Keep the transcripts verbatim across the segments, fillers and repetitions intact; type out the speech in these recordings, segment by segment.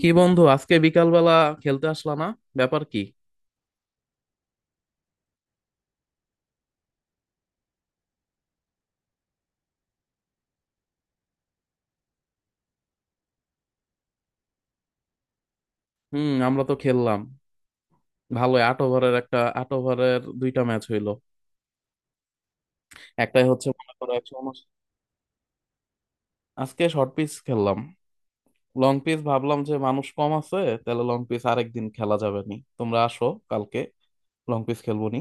কি বন্ধু, আজকে বিকালবেলা খেলতে আসলা না? ব্যাপার কি? হুম, আমরা তো খেললাম। ভালো আট ওভারের একটা, আট ওভারের দুইটা ম্যাচ হইলো। একটাই হচ্ছে মনে করো একশো উনাশ। আজকে শর্ট পিচ খেললাম। লং পিচ ভাবলাম যে মানুষ কম আছে, তাহলে লং পিচ আরেকদিন খেলা যাবে নি। তোমরা আসো কালকে, লং পিচ খেলবো নি।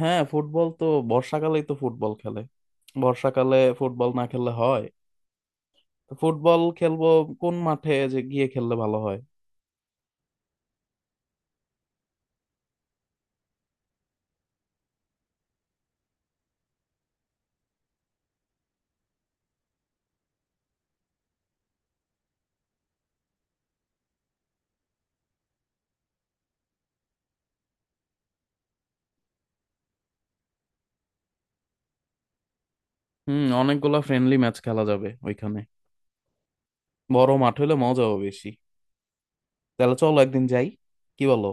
হ্যাঁ, ফুটবল তো বর্ষাকালেই তো ফুটবল খেলে। বর্ষাকালে ফুটবল না খেললে হয়? তো ফুটবল খেলবো। কোন মাঠে যে গিয়ে খেললে ভালো হয়? হুম, অনেকগুলা ফ্রেন্ডলি ম্যাচ খেলা যাবে ওইখানে। বড় মাঠ হলে মজাও বেশি। তাহলে চলো একদিন যাই, কি বলো?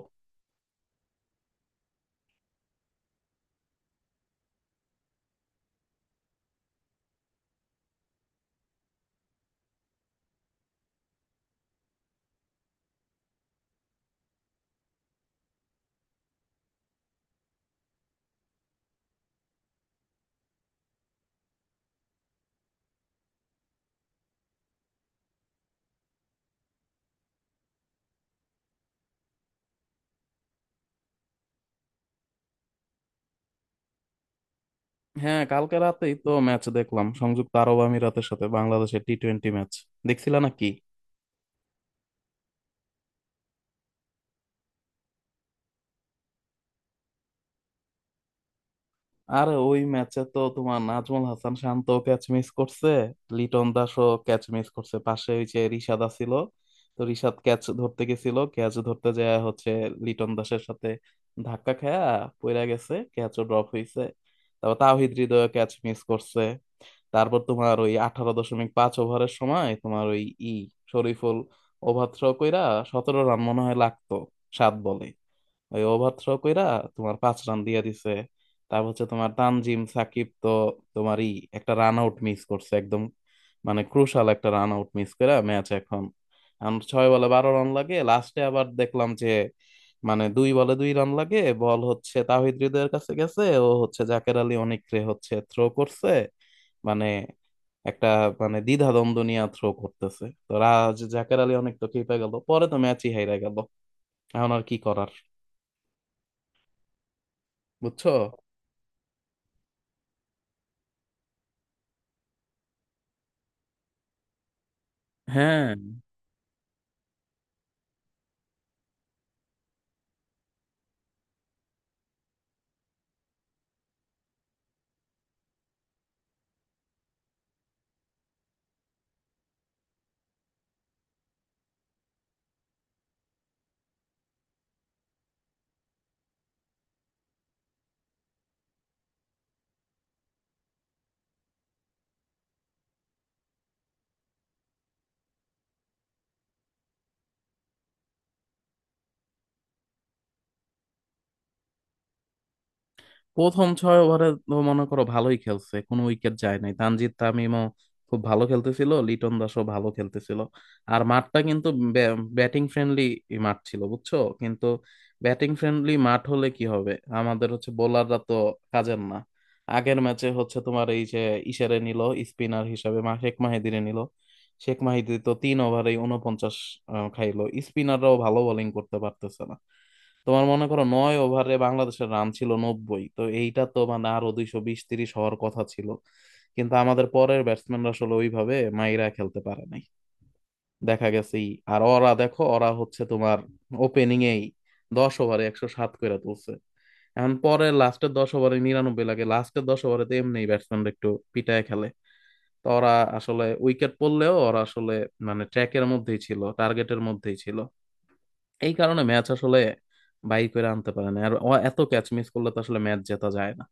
হ্যাঁ, কালকে রাতেই তো ম্যাচ দেখলাম, সংযুক্ত আরব আমিরাতের সাথে বাংলাদেশের টি টোয়েন্টি ম্যাচ। দেখছিলা নাকি? আরে, ওই ম্যাচে তো তোমার নাজমুল হাসান শান্ত ক্যাচ মিস করছে, লিটন দাসও ক্যাচ মিস করছে, পাশে ওই যে রিশাদ আছিল। তো রিশাদ ক্যাচ ধরতে গেছিল, ক্যাচ ধরতে যায় হচ্ছে লিটন দাসের সাথে ধাক্কা খায়া পইরা গেছে, ক্যাচও ড্রপ হইছে। তারপর তাওহিদ হৃদয় ক্যাচ মিস করছে। তারপর তোমার ওই আঠারো দশমিক পাঁচ ওভারের সময় তোমার ওই ই শরীফুল ওভার থ্রো কইরা সতেরো রান মনে হয় লাগতো সাত বলে। ওই ওভার থ্রো কইরা তোমার পাঁচ রান দিয়ে দিছে। তারপর হচ্ছে তোমার তানজিম সাকিব তো তোমার ই একটা রান আউট মিস করছে একদম, মানে ক্রুশাল একটা রান আউট মিস করে ম্যাচ এখন। এখন ছয় বলে বারো রান লাগে লাস্টে, আবার দেখলাম যে মানে দুই বলে দুই রান লাগে, বল হচ্ছে তাওহিদ হৃদয়ের কাছে গেছে, ও হচ্ছে জাকের আলী অনেকরে হচ্ছে থ্রো করছে, মানে একটা মানে দ্বিধাদ্বন্দ্ব নিয়ে থ্রো করতেছে, তো রাজ জাকের আলী অনেক তো খেপে গেল, পরে তো ম্যাচই হেরে গেল। এখন আর কি করার, বুঝছো? হ্যাঁ, প্রথম ছয় ওভারে তো মনে করো ভালোই খেলছে, কোনো উইকেট যায় নাই, তানজিদ তামিমও খুব ভালো খেলতেছিল, লিটন দাসও ভালো খেলতেছিল। আর মাঠটা কিন্তু ব্যাটিং ফ্রেন্ডলি মাঠ ছিল, বুঝছো। কিন্তু ব্যাটিং ফ্রেন্ডলি মাঠ হলে কি হবে, আমাদের হচ্ছে বোলাররা তো কাজের না। আগের ম্যাচে হচ্ছে তোমার এই যে ইশারে নিল, স্পিনার হিসাবে মা শেখ মাহিদিরে নিল। শেখ মাহিদি তো তিন ওভারে উনপঞ্চাশ আহ, খাইলো। স্পিনাররাও ভালো বোলিং করতে পারতেছে না। তোমার মনে করো নয় ওভারে বাংলাদেশের রান ছিল নব্বই, তো এইটা তো মানে আরো দুইশো বিশ তিরিশ হওয়ার কথা ছিল। কিন্তু আমাদের পরের ব্যাটসম্যানরা আসলে ওইভাবে মাইরা খেলতে পারে নাই। দেখা গেছে এই- আর ওরা দেখো, ওরা হচ্ছে তোমার ওপেনিং এই দশ ওভারে একশো সাত করে তুলছে। এখন পরে লাস্টের দশ ওভারে নিরানব্বই লাগে, লাস্টের দশ ওভারে তো এমনি ব্যাটসম্যানরা একটু পিটায় খেলে। তো ওরা আসলে উইকেট পড়লেও ওরা আসলে মানে ট্র্যাকের মধ্যেই ছিল, টার্গেটের মধ্যেই ছিল, এই কারণে ম্যাচ আসলে বাই করে আনতে পারে না। আর ও এত ক্যাচ মিস করলে তো আসলে ম্যাচ জেতা যায় না।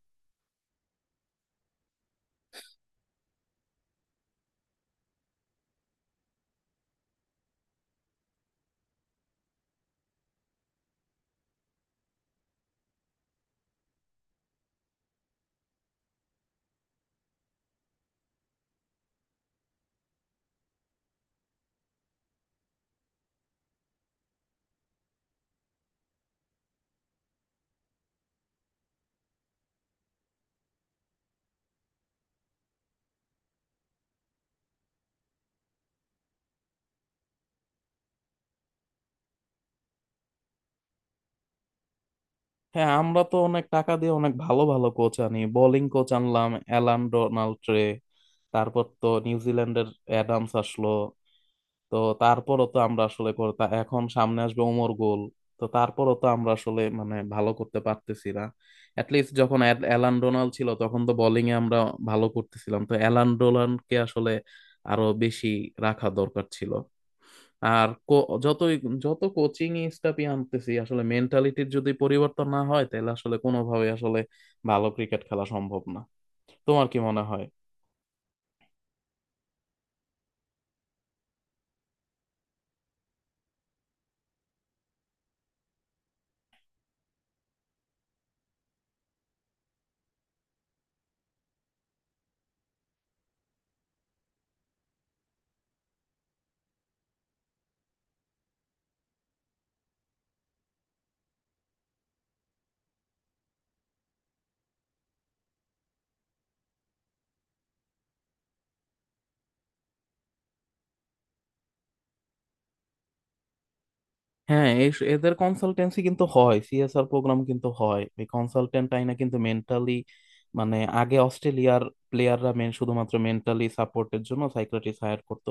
হ্যাঁ, আমরা তো অনেক টাকা দিয়ে অনেক ভালো ভালো কোচ আনি, বোলিং কোচ আনলাম অ্যালান ডোনাল্ড ট্রে, তারপর তো নিউজিল্যান্ডের অ্যাডামস আসলো। তো তারপরও তো আমরা আসলে কর- তা এখন সামনে আসবে ওমর গোল। তো তারপরও তো আমরা আসলে মানে ভালো করতে পারতেছি না। অ্যাটলিস্ট যখন অ্যাল- অ্যালান ডোনাল্ড ছিল তখন তো বোলিং এ আমরা ভালো করতেছিলাম, তো অ্যালান ডোনাল্ডকে আসলে আরো বেশি রাখা দরকার ছিল। আর কো- যতই যত কোচিং স্টাফই আনতেছি, আসলে মেন্টালিটির যদি পরিবর্তন না হয় তাহলে আসলে কোনোভাবে আসলে ভালো ক্রিকেট খেলা সম্ভব না। তোমার কি মনে হয়? হ্যাঁ, এই এদের কনসালটেন্সি কিন্তু হয়, সিএসআর প্রোগ্রাম কিন্তু হয়, এই কনসালটেন্ট আইনা কিন্তু মেন্টালি, মানে আগে অস্ট্রেলিয়ার প্লেয়াররা মেন শুধুমাত্র মেন্টালি সাপোর্টের জন্য সাইকিয়াট্রিস্ট হায়ার করতো।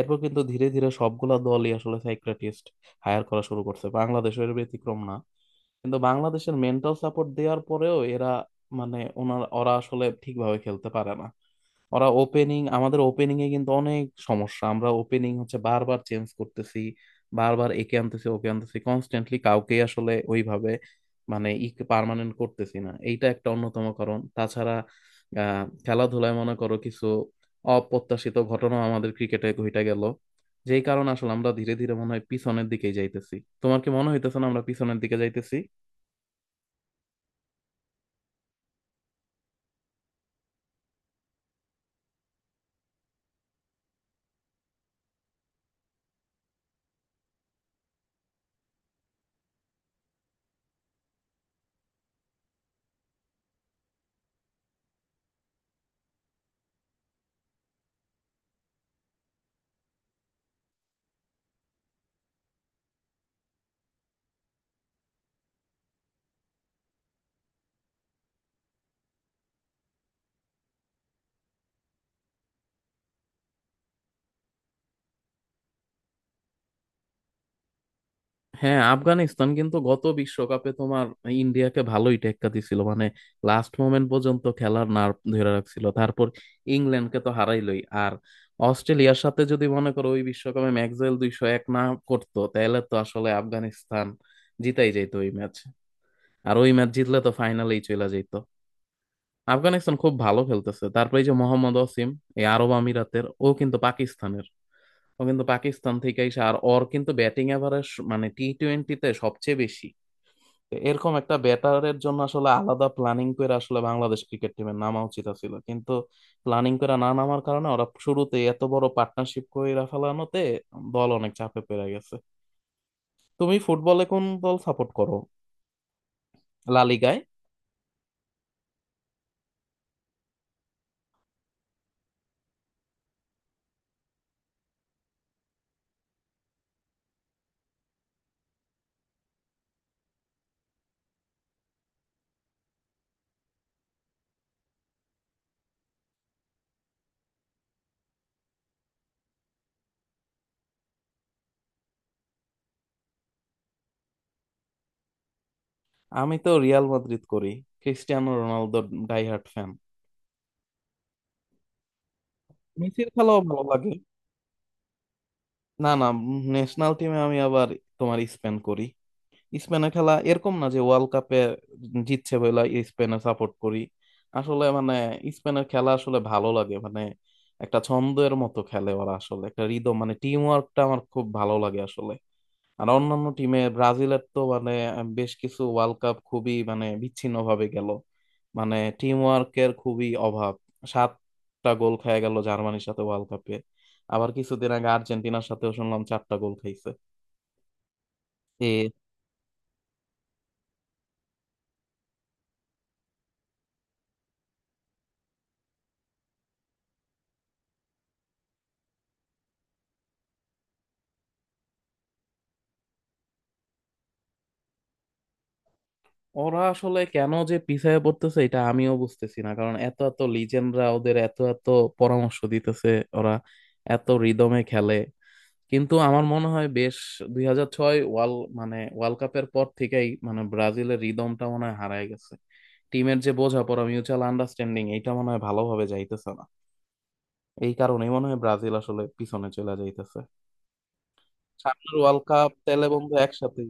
এরপর কিন্তু ধীরে ধীরে সবগুলা দলই আসলে সাইকিয়াট্রিস্ট হায়ার করা শুরু করছে, বাংলাদেশের ব্যতিক্রম না। কিন্তু বাংলাদেশের মেন্টাল সাপোর্ট দেওয়ার পরেও এরা মানে ওনার ওরা আসলে ঠিকভাবে খেলতে পারে না। ওরা ওপেনিং, আমাদের ওপেনিং এ কিন্তু অনেক সমস্যা, আমরা ওপেনিং হচ্ছে বারবার চেঞ্জ করতেছি, বারবার একে আনতেছি ওকে আনতেছি, কনস্ট্যান্টলি কাউকে আসলে ওইভাবে মানে ই পার্মানেন্ট করতেছি না, এইটা একটা অন্যতম কারণ। তাছাড়া আহ খেলাধুলায় মনে করো কিছু অপ্রত্যাশিত ঘটনা আমাদের ক্রিকেটে ঘটে গেল, যেই কারণে আসলে আমরা ধীরে ধীরে মনে হয় পিছনের দিকেই যাইতেছি। তোমার কি মনে হইতেছে না আমরা পিছনের দিকে যাইতেছি? হ্যাঁ, আফগানিস্তান কিন্তু গত বিশ্বকাপে তোমার ইন্ডিয়াকে ভালোই টেক্কা দিছিল, মানে লাস্ট মোমেন্ট পর্যন্ত খেলার নার্ভ ধরে রাখছিল। তারপর ইংল্যান্ডকে তো হারাইলই, আর অস্ট্রেলিয়ার সাথে যদি মনে করো ওই বিশ্বকাপে ম্যাকডওয়েল দুইশো এক না করতো তাহলে তো আসলে আফগানিস্তান জিতাই যেত ওই ম্যাচ। আর ওই ম্যাচ জিতলে তো ফাইনালেই চলে যেত। আফগানিস্তান খুব ভালো খেলতেছে। তারপরে এই যে মোহাম্মদ ওসিম, এই আরব আমিরাতের, ও কিন্তু পাকিস্তানের, ও কিন্তু পাকিস্তান থেকে এসে, আর ওর কিন্তু ব্যাটিং এভারেজ মানে টি টোয়েন্টিতে সবচেয়ে বেশি। এরকম একটা ব্যাটারের জন্য আসলে আলাদা প্ল্যানিং করে আসলে বাংলাদেশ ক্রিকেট টিমের নামা উচিত ছিল, কিন্তু প্ল্যানিং করে না নামার কারণে ওরা শুরুতে এত বড় পার্টনারশিপ কইরা ফেলানোতে দল অনেক চাপে পড়ে গেছে। তুমি ফুটবলে কোন দল সাপোর্ট করো, লা লিগায়? আমি তো রিয়াল মাদ্রিদ করি, ক্রিস্টিয়ানো রোনালদোর ডাইহার্ট ফ্যান। মেসির খেলাও ভালো লাগে। না না, ন্যাশনাল টিমে আমি আবার তোমার স্পেন করি। স্পেনের খেলা এরকম না যে ওয়ার্ল্ড কাপে জিতছে বলে স্পেনে সাপোর্ট করি, আসলে মানে স্পেনের খেলা আসলে ভালো লাগে, মানে একটা ছন্দের মতো খেলে ওরা, আসলে একটা রিদম মানে টিম ওয়ার্কটা আমার খুব ভালো লাগে আসলে। আর অন্যান্য টিমে ব্রাজিলের তো মানে বেশ কিছু ওয়ার্ল্ড কাপ খুবই মানে বিচ্ছিন্ন ভাবে গেল, মানে টিম ওয়ার্কের খুবই অভাব। সাতটা গোল খেয়ে গেল জার্মানির সাথে ওয়ার্ল্ড কাপে, আবার কিছুদিন আগে আর্জেন্টিনার সাথেও শুনলাম চারটা গোল খাইছে। ওরা আসলে কেন যে পিছায় পড়তেছে এটা আমিও বুঝতেছি না, কারণ এত এত লিজেন্ডরা ওদের এত এত পরামর্শ দিতেছে, ওরা এত রিদমে খেলে। কিন্তু আমার মনে হয় বেশ দুই হাজার ছয় ওয়ার্ল্ড মানে ওয়ার্ল্ড কাপের পর থেকেই মানে ব্রাজিলের রিদমটা মনে হয় হারায় গেছে, টিমের যে বোঝাপড়া মিউচুয়াল আন্ডারস্ট্যান্ডিং এটা মনে হয় ভালোভাবে যাইতেছে না, এই কারণেই মনে হয় ব্রাজিল আসলে পিছনে চলে যাইতেছে। সামনের ওয়ার্ল্ড কাপ তেলে বন্ধু একসাথে।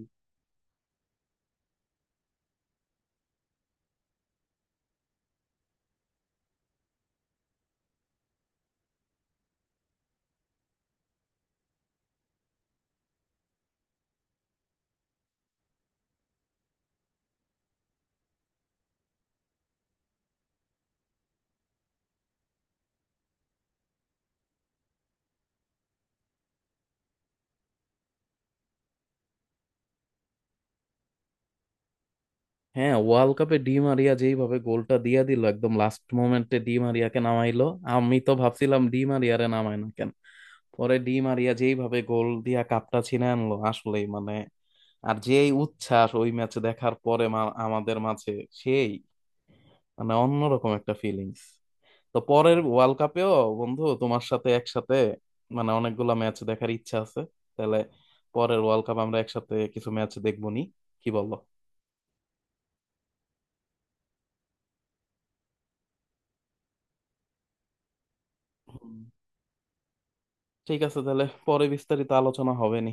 হ্যাঁ, ওয়ার্ল্ড কাপে ডি মারিয়া যেইভাবে গোলটা দিয়া দিল, একদম লাস্ট মোমেন্টে ডি মারিয়াকে নামাইলো, আমি তো ভাবছিলাম ডি মারিয়ারে নামায় না কেন। পরে ডি মারিয়া যেইভাবে গোল দিয়া কাপটা ছিনে আনলো, আসলেই মানে আর যেই উচ্ছ্বাস ওই ম্যাচ দেখার পরে মা- আমাদের মাঝে সেই মানে অন্যরকম একটা ফিলিংস। তো পরের ওয়ার্ল্ড কাপেও বন্ধু তোমার সাথে একসাথে মানে অনেকগুলা ম্যাচ দেখার ইচ্ছা আছে। তাহলে পরের ওয়ার্ল্ড কাপ আমরা একসাথে কিছু ম্যাচ দেখবো নি, কি বলো? ঠিক আছে, তাহলে পরে বিস্তারিত আলোচনা হবে নি।